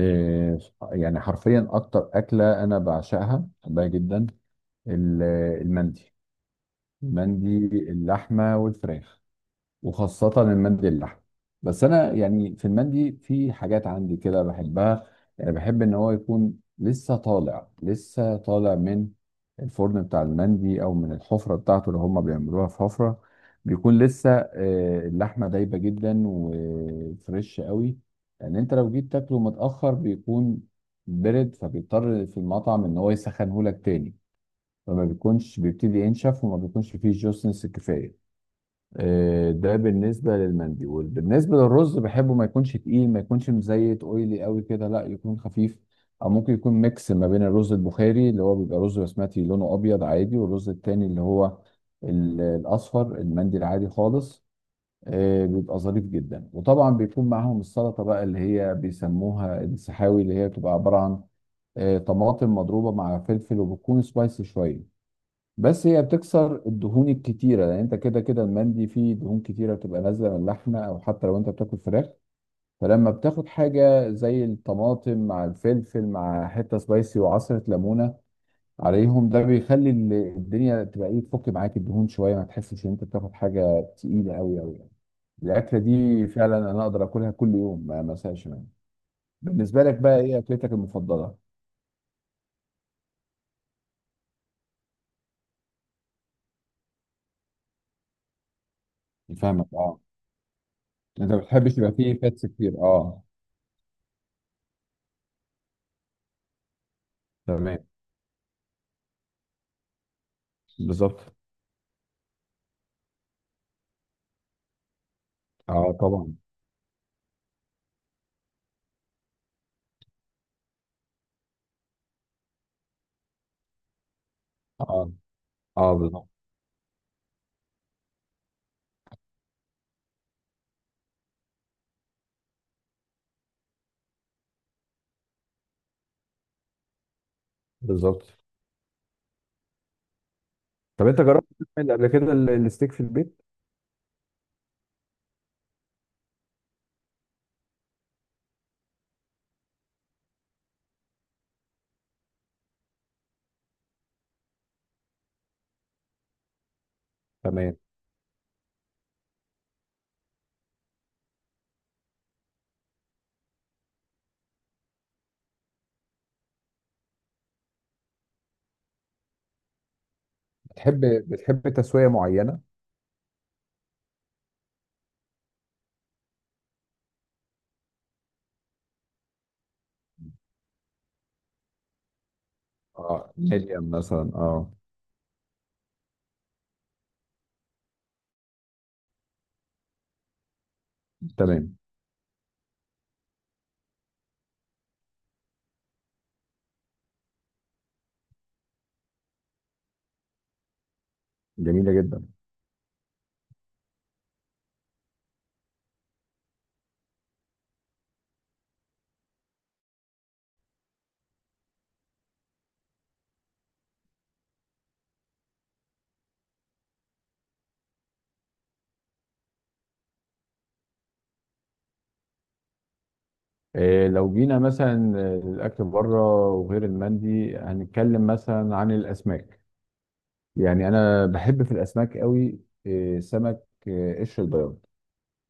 إيه، يعني حرفيا اكتر اكله انا بعشقها بحبها جدا. ال- المندي. المندي اللحمه والفراخ، وخاصة المندي اللحم. بس أنا يعني في المندي في حاجات عندي كده بحبها. يعني بحب إن هو يكون لسه طالع من الفرن بتاع المندي أو من الحفرة بتاعته اللي هما بيعملوها في حفرة. بيكون لسه اللحمة دايبة جدا وفريش قوي، لأن أنت لو جيت تاكله متأخر بيكون برد، فبيضطر في المطعم إن هو يسخنهولك تاني، فما بيكونش، بيبتدي ينشف وما بيكونش فيه جوسنس كفاية. ده بالنسبة للمندي. بالنسبة للرز بحبه ما يكونش تقيل، ما يكونش مزيت اويلي قوي كده، لا يكون خفيف. او ممكن يكون ميكس ما بين الرز البخاري اللي هو بيبقى رز بسمتي لونه ابيض عادي، والرز التاني اللي هو الاصفر المندي العادي خالص. بيبقى ظريف جدا. وطبعا بيكون معاهم السلطة بقى اللي هي بيسموها السحاوي، اللي هي بتبقى عبارة عن طماطم مضروبة مع فلفل وبتكون سبايسي شوية. بس هي بتكسر الدهون الكتيره، لان انت كده كده المندي فيه دهون كتيره بتبقى نازله من اللحمه، او حتى لو انت بتاكل فراخ. فلما بتاخد حاجه زي الطماطم مع الفلفل مع حته سبايسي وعصره ليمونه عليهم، ده بيخلي الدنيا تبقى ايه، تفك معاك الدهون شويه، ما تحسش ان انت بتاخد حاجه تقيله قوي قوي يعني. الاكله دي فعلا انا اقدر اكلها كل يوم، ما ازهقش منها. بالنسبه لك بقى ايه اكلتك المفضله؟ فاهمك، اه. انت ما بتحبش يبقى فيه فاتس كتير؟ اه. تمام. بالظبط. اه طبعا. اه. اه بالظبط. بالظبط. طب انت جربت تعمل قبل كده الستيك في البيت؟ تمام. بتحب، بتحب تسويه معينه؟ اه ميديم مثلا، اه. تمام. جميله جدا. إيه، لو جينا مثلا الاكل بره وغير المندي، هنتكلم مثلا عن الاسماك. يعني انا بحب في الاسماك قوي. إيه، سمك إيه؟ قشر البياض،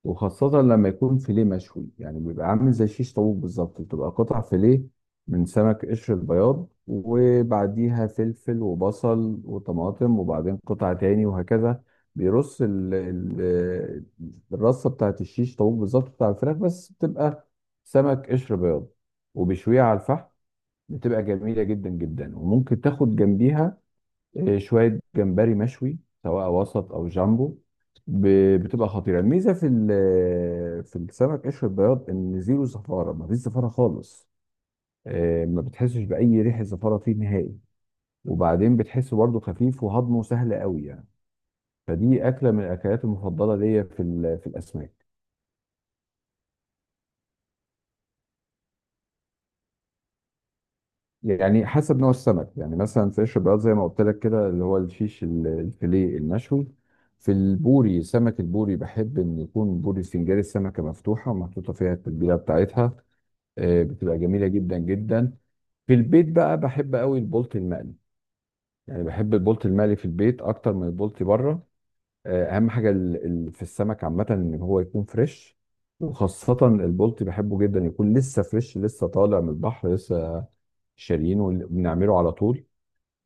وخاصة لما يكون فيليه مشوي. يعني بيبقى عامل زي شيش طاووق بالظبط، بتبقى قطع فيليه من سمك قشر البياض وبعديها فلفل وبصل وطماطم وبعدين قطع تاني وهكذا. بيرص ال الرصة بتاعت الشيش طاووق بالظبط بتاع الفراخ، بس بتبقى سمك قشر بياض. وبيشويها على الفحم، بتبقى جميلة جدا جدا. وممكن تاخد جنبيها شويه جمبري مشوي، سواء وسط او جامبو. بتبقى خطيره. الميزه في في السمك قشر البياض ان زيرو زفاره، ما فيش زفاره خالص. ما بتحسش باي ريحه زفاره فيه نهائي. وبعدين بتحسه برضه خفيف وهضمه سهل قوي يعني. فدي اكله من الاكلات المفضله ليا في في الاسماك. يعني حسب نوع السمك. يعني مثلا في قشر البياض زي ما قلت لك كده، اللي هو الفيش الفيليه المشوي. في البوري، سمك البوري بحب ان يكون بوري سنجاري، السمكه مفتوحه ومحطوطه فيها التتبيله بتاعتها. بتبقى جميله جدا جدا. في البيت بقى بحب قوي البولت المقلي. يعني بحب البولت المقلي في البيت اكتر من البولت بره. اهم حاجه في السمك عامه ان هو يكون فريش. وخاصه البولت بحبه جدا يكون لسه فريش، لسه طالع من البحر، لسه شاريينه بنعمله على طول.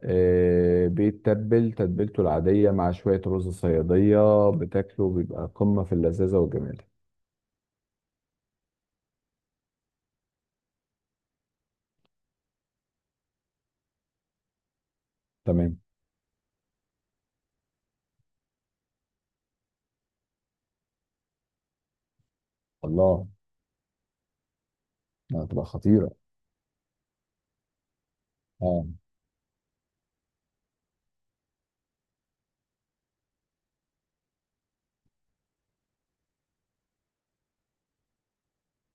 بيتبل تتبيلته العادية مع شوية رز صيادية، بتاكله بيبقى قمة في اللذاذة والجمال. تمام. الله. لا، هتبقى خطيرة. اه.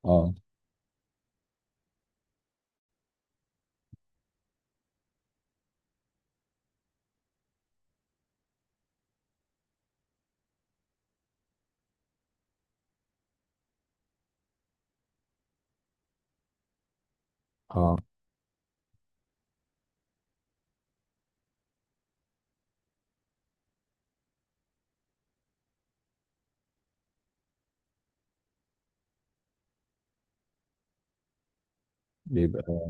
اه. اه. بيبقى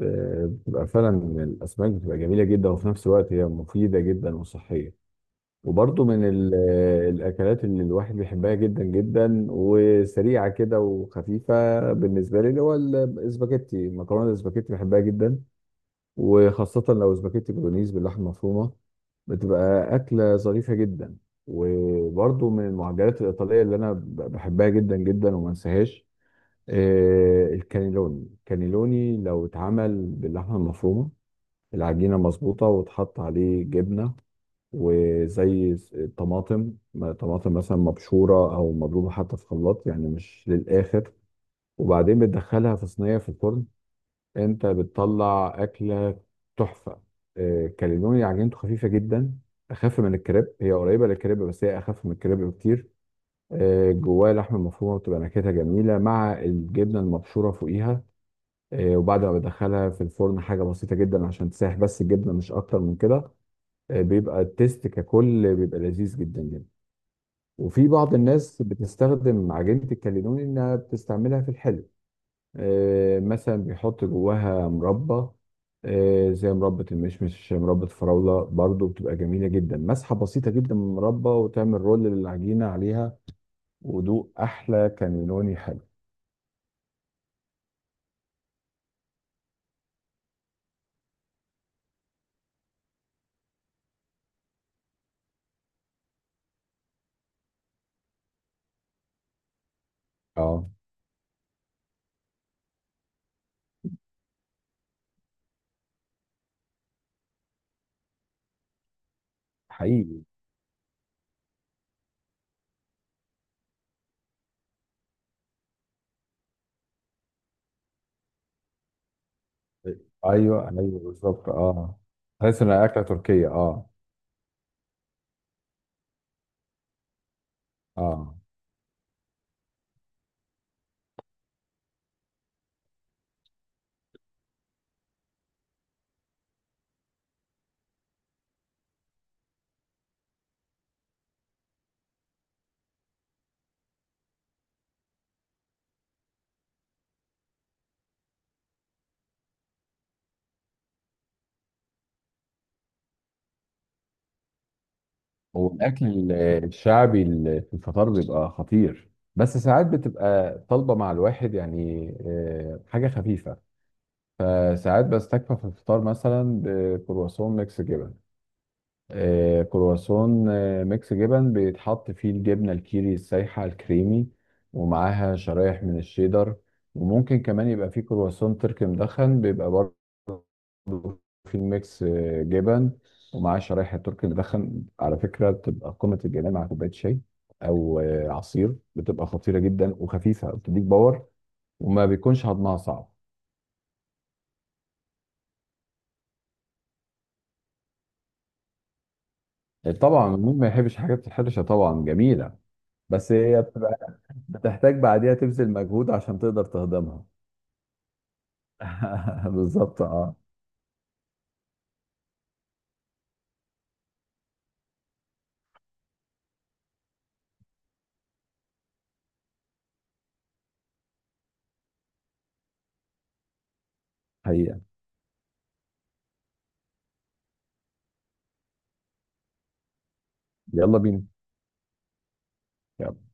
بتبقى فعلا الأسماك بتبقى جميلة جدا، وفي نفس الوقت هي مفيدة جدا وصحية. وبرضه من الأكلات اللي الواحد بيحبها جدا جدا، وسريعة كده وخفيفة. بالنسبة لي اللي هو الاسباجيتي، مكرونة الاسباجيتي بحبها جدا، وخاصة لو سباكيتي بولونيز باللحمة المفرومة، بتبقى أكلة ظريفة جدا. وبرضو من المعجنات الإيطالية اللي أنا بحبها جدا جدا وما انساهاش الكانيلوني. الكانيلوني لو اتعمل باللحمة المفرومة، العجينة مظبوطة، واتحط عليه جبنة وزي طماطم طماطم مثلا مبشورة أو مضروبة حتى في خلاط، يعني مش للآخر، وبعدين بتدخلها في صينية في الفرن، انت بتطلع اكله تحفه. كاليلوني عجينته خفيفه جدا، اخف من الكريب. هي قريبه للكريب بس هي اخف من الكريب بكتير. جواها لحم مفرومه، بتبقى نكهتها جميله مع الجبنه المبشوره فوقيها. وبعد ما بدخلها في الفرن حاجه بسيطه جدا عشان تسيح بس الجبنه، مش اكتر من كده. بيبقى التيست ككل بيبقى لذيذ جدا جدا. وفي بعض الناس بتستخدم عجينه الكاليلوني انها بتستعملها في الحلو. مثلا بيحط جواها مربى، زي مربى المشمش، مربى الفراولة. برضو بتبقى جميلة جدا، مسحة بسيطة جدا من المربى وتعمل رول للعجينة عليها، ودوق أحلى كانيلوني حلو. اه. حقيقي. ايوه ايوه بالظبط، اه. تحس انها اكله تركيه، اه. اه. والاكل الشعبي في الفطار بيبقى خطير، بس ساعات بتبقى طالبه مع الواحد يعني حاجه خفيفه. فساعات بستكفى في الفطار مثلا بكرواسون ميكس جبن. كرواسون ميكس جبن بيتحط فيه الجبنة الكيري السايحة الكريمي، ومعاها شرايح من الشيدر. وممكن كمان يبقى فيه كرواسون تركي مدخن، بيبقى برضه فيه ميكس جبن، ومعاه شرايح التركي المدخن. على فكرة بتبقى قمة الجمال مع كوباية شاي أو عصير. بتبقى خطيرة جدا وخفيفة، بتديك باور، وما بيكونش هضمها صعب. طبعا مين ما يحبش حاجات الحرشة؟ طبعا جميلة. بس هي بتبقى، بتحتاج بعديها تبذل مجهود عشان تقدر تهضمها. بالظبط، اه. حقيقة. يلا بينا. يلا.